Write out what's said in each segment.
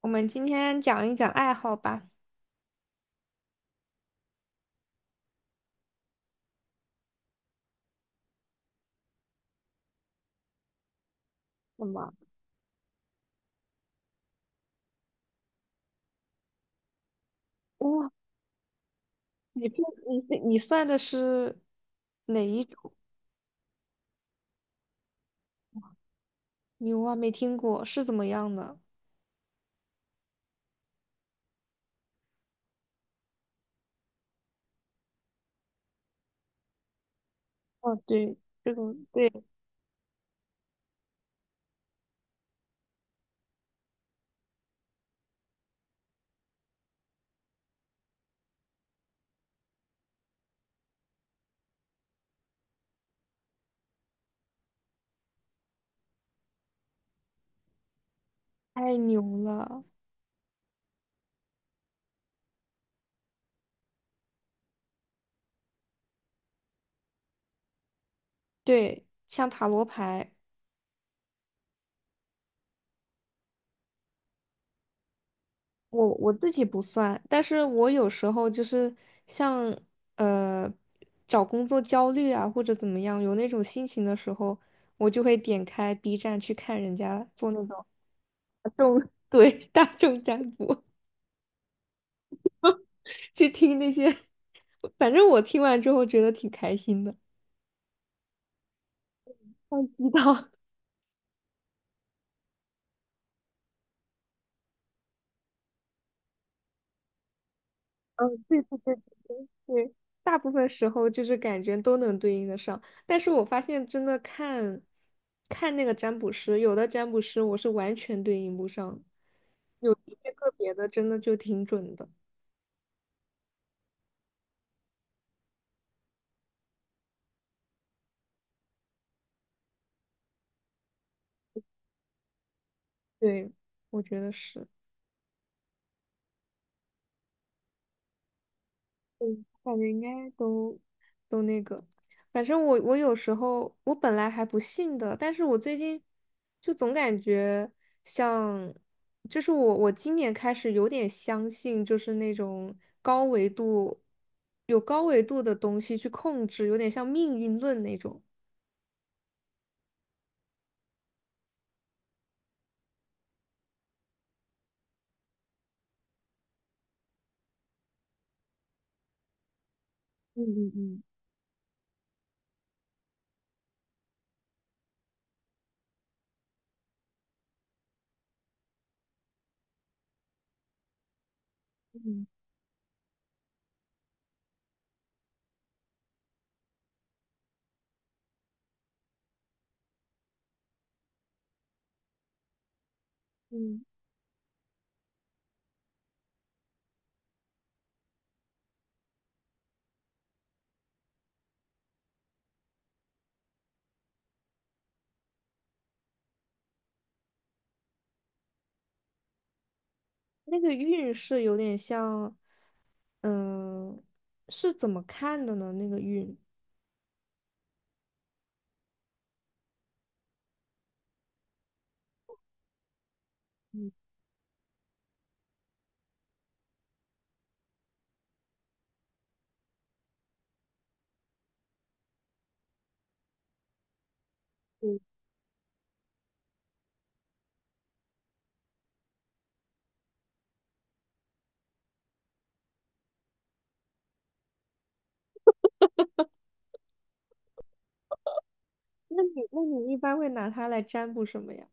我们今天讲一讲爱好吧。什么？哇，你这你算的是哪一种？牛啊，没听过，是怎么样的？哦，对，这种对，太牛了。对，像塔罗牌，我自己不算，但是我有时候就是像呃找工作焦虑啊，或者怎么样，有那种心情的时候，我就会点开 B 站去看人家做那种大众，对，大众占卜。去听那些，反正我听完之后觉得挺开心的。像鸡汤，嗯，对对对对，大部分时候就是感觉都能对应得上，但是我发现真的看，看那个占卜师，有的占卜师我是完全对应不上的，有一些个别的真的就挺准的。对，我觉得是，嗯，感觉应该都。个。反正我有时候我本来还不信的，但是我最近就总感觉像，就是我今年开始有点相信，就是那种高维度有高维度的东西去控制，有点像命运论那种。嗯嗯嗯嗯。嗯，那个运是有点像，嗯、是怎么看的呢？那个运，那你一般会拿它来占卜什么呀？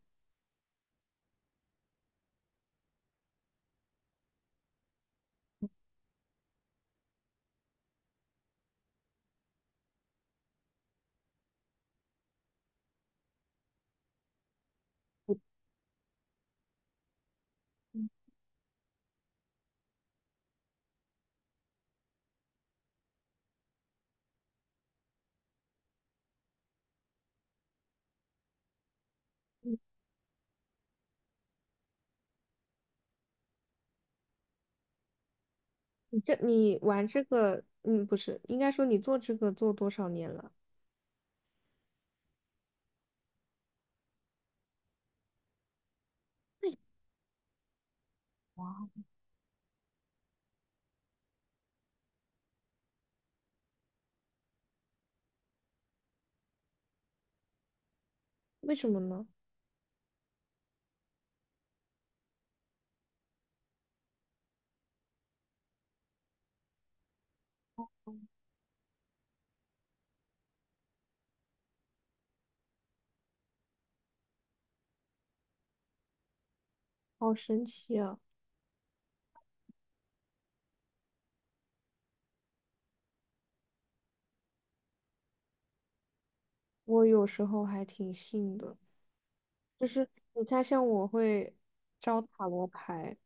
你这你玩这个，嗯，不是，应该说你做这个做多少年了？为什么呢？好神奇啊！我有时候还挺信的，就是你看，像我会招塔罗牌，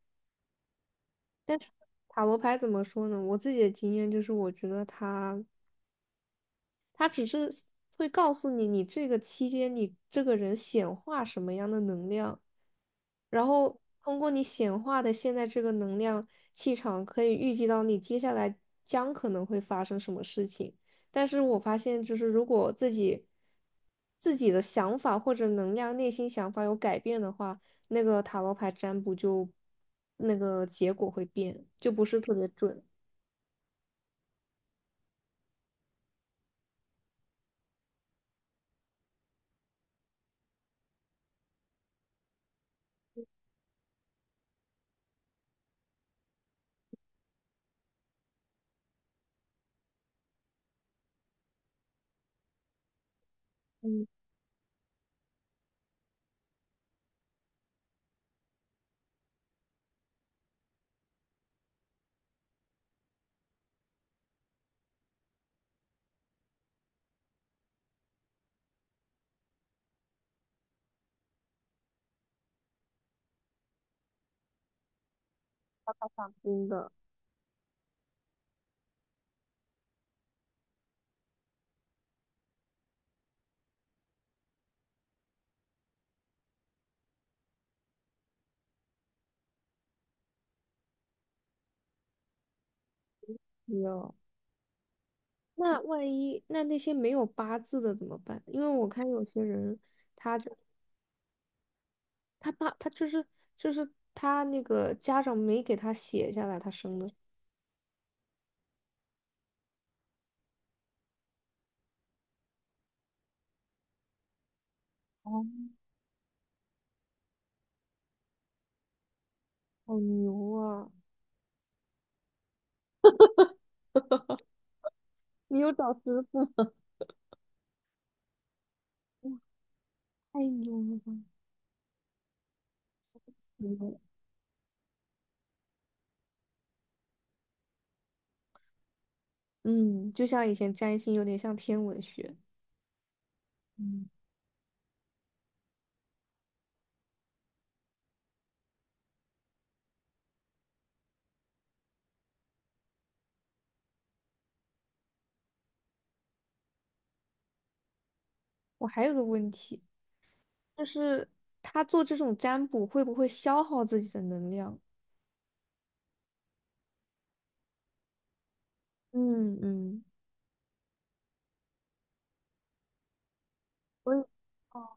但是塔罗牌怎么说呢？我自己的经验就是，我觉得它只是会告诉你，你这个期间你这个人显化什么样的能量，然后通过你显化的现在这个能量气场，可以预计到你接下来将可能会发生什么事情。但是我发现，就是如果自己的想法或者能量、内心想法有改变的话，那个塔罗牌占卜就那个结果会变，就不是特别准。嗯，真的，没有。那万一那些没有八字的怎么办？因为我看有些人，他就是就是他那个家长没给他写下来，他生的哦，好牛啊！你有找师傅，太牛了吧！嗯嗯，就像以前占星有点像天文学。嗯，我还有个问题，就是他做这种占卜会不会消耗自己的能量？嗯嗯，我也哦，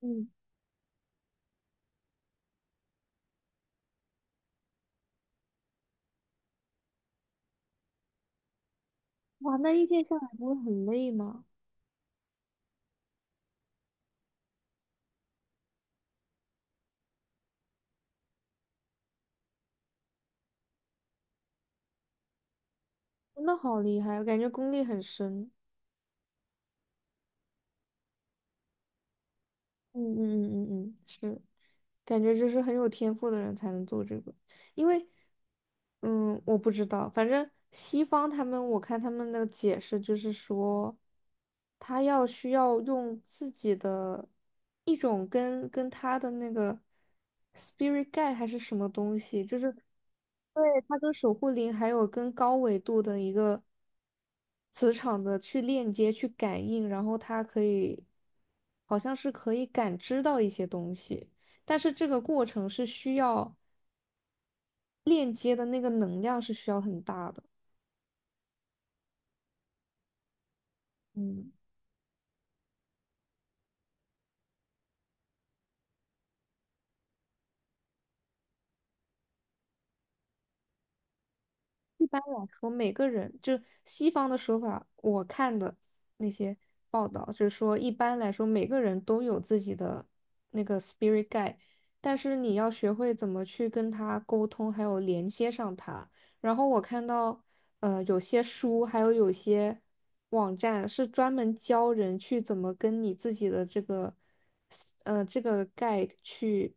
嗯，哇，那一天下来不会很累吗？真的好厉害，我感觉功力很深。嗯嗯嗯嗯嗯，是。感觉就是很有天赋的人才能做这个，因为，嗯，我不知道，反正西方他们，我看他们的解释就是说，他要需要用自己的一种跟他的那个 spirit guide 还是什么东西，就是对，他跟守护灵还有跟高维度的一个磁场的去链接、去感应，然后他可以好像是可以感知到一些东西。但是这个过程是需要链接的那个能量是需要很大的，嗯。一般来说，每个人就西方的说法，我看的那些报道就是说，一般来说每个人都有自己的那个 spirit guide,但是你要学会怎么去跟他沟通，还有连接上他。然后我看到，有些书还有有些网站是专门教人去怎么跟你自己的这个，这个 guide 去，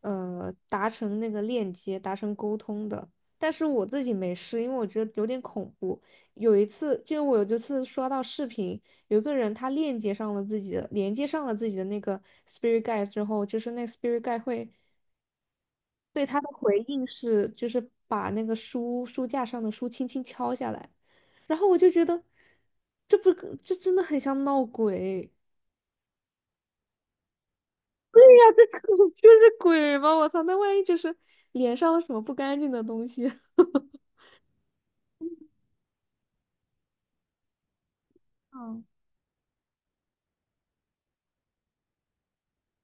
达成那个链接，达成沟通的。但是我自己没事，因为我觉得有点恐怖。有一次，就是我有一次刷到视频，有一个人他链接上了自己的，连接上了自己的那个 spirit g u i d 之后，就是那个 spirit g u i 会对他的回应是，就是把那个书书架上的书轻轻敲下来，然后我就觉得，这不可，这真的很像闹鬼。呀，这就是鬼吗？我操，那万一就是脸上有什么不干净的东西？嗯，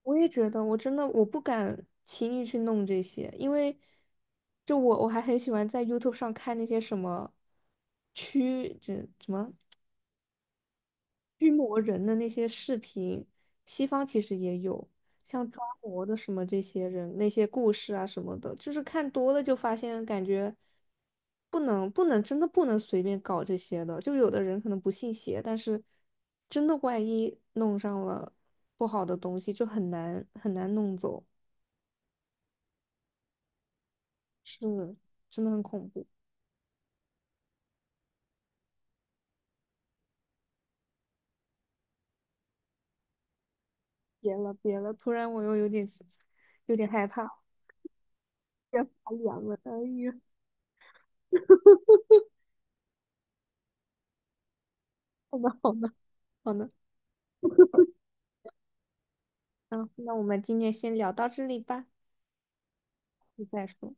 我也觉得，我真的我不敢轻易去弄这些，因为就我还很喜欢在 YouTube 上看那些什么驱这什么驱魔人的那些视频，西方其实也有，像抓魔的什么这些人那些故事啊什么的，就是看多了就发现感觉不能真的不能随便搞这些的，就有的人可能不信邪，但是真的万一弄上了不好的东西，就很难弄走。是，真的很恐怖。别了，别了，突然我又有点害怕，要发凉了。哎呀，好的，好的，好的。嗯，那我们今天先聊到这里吧，再说。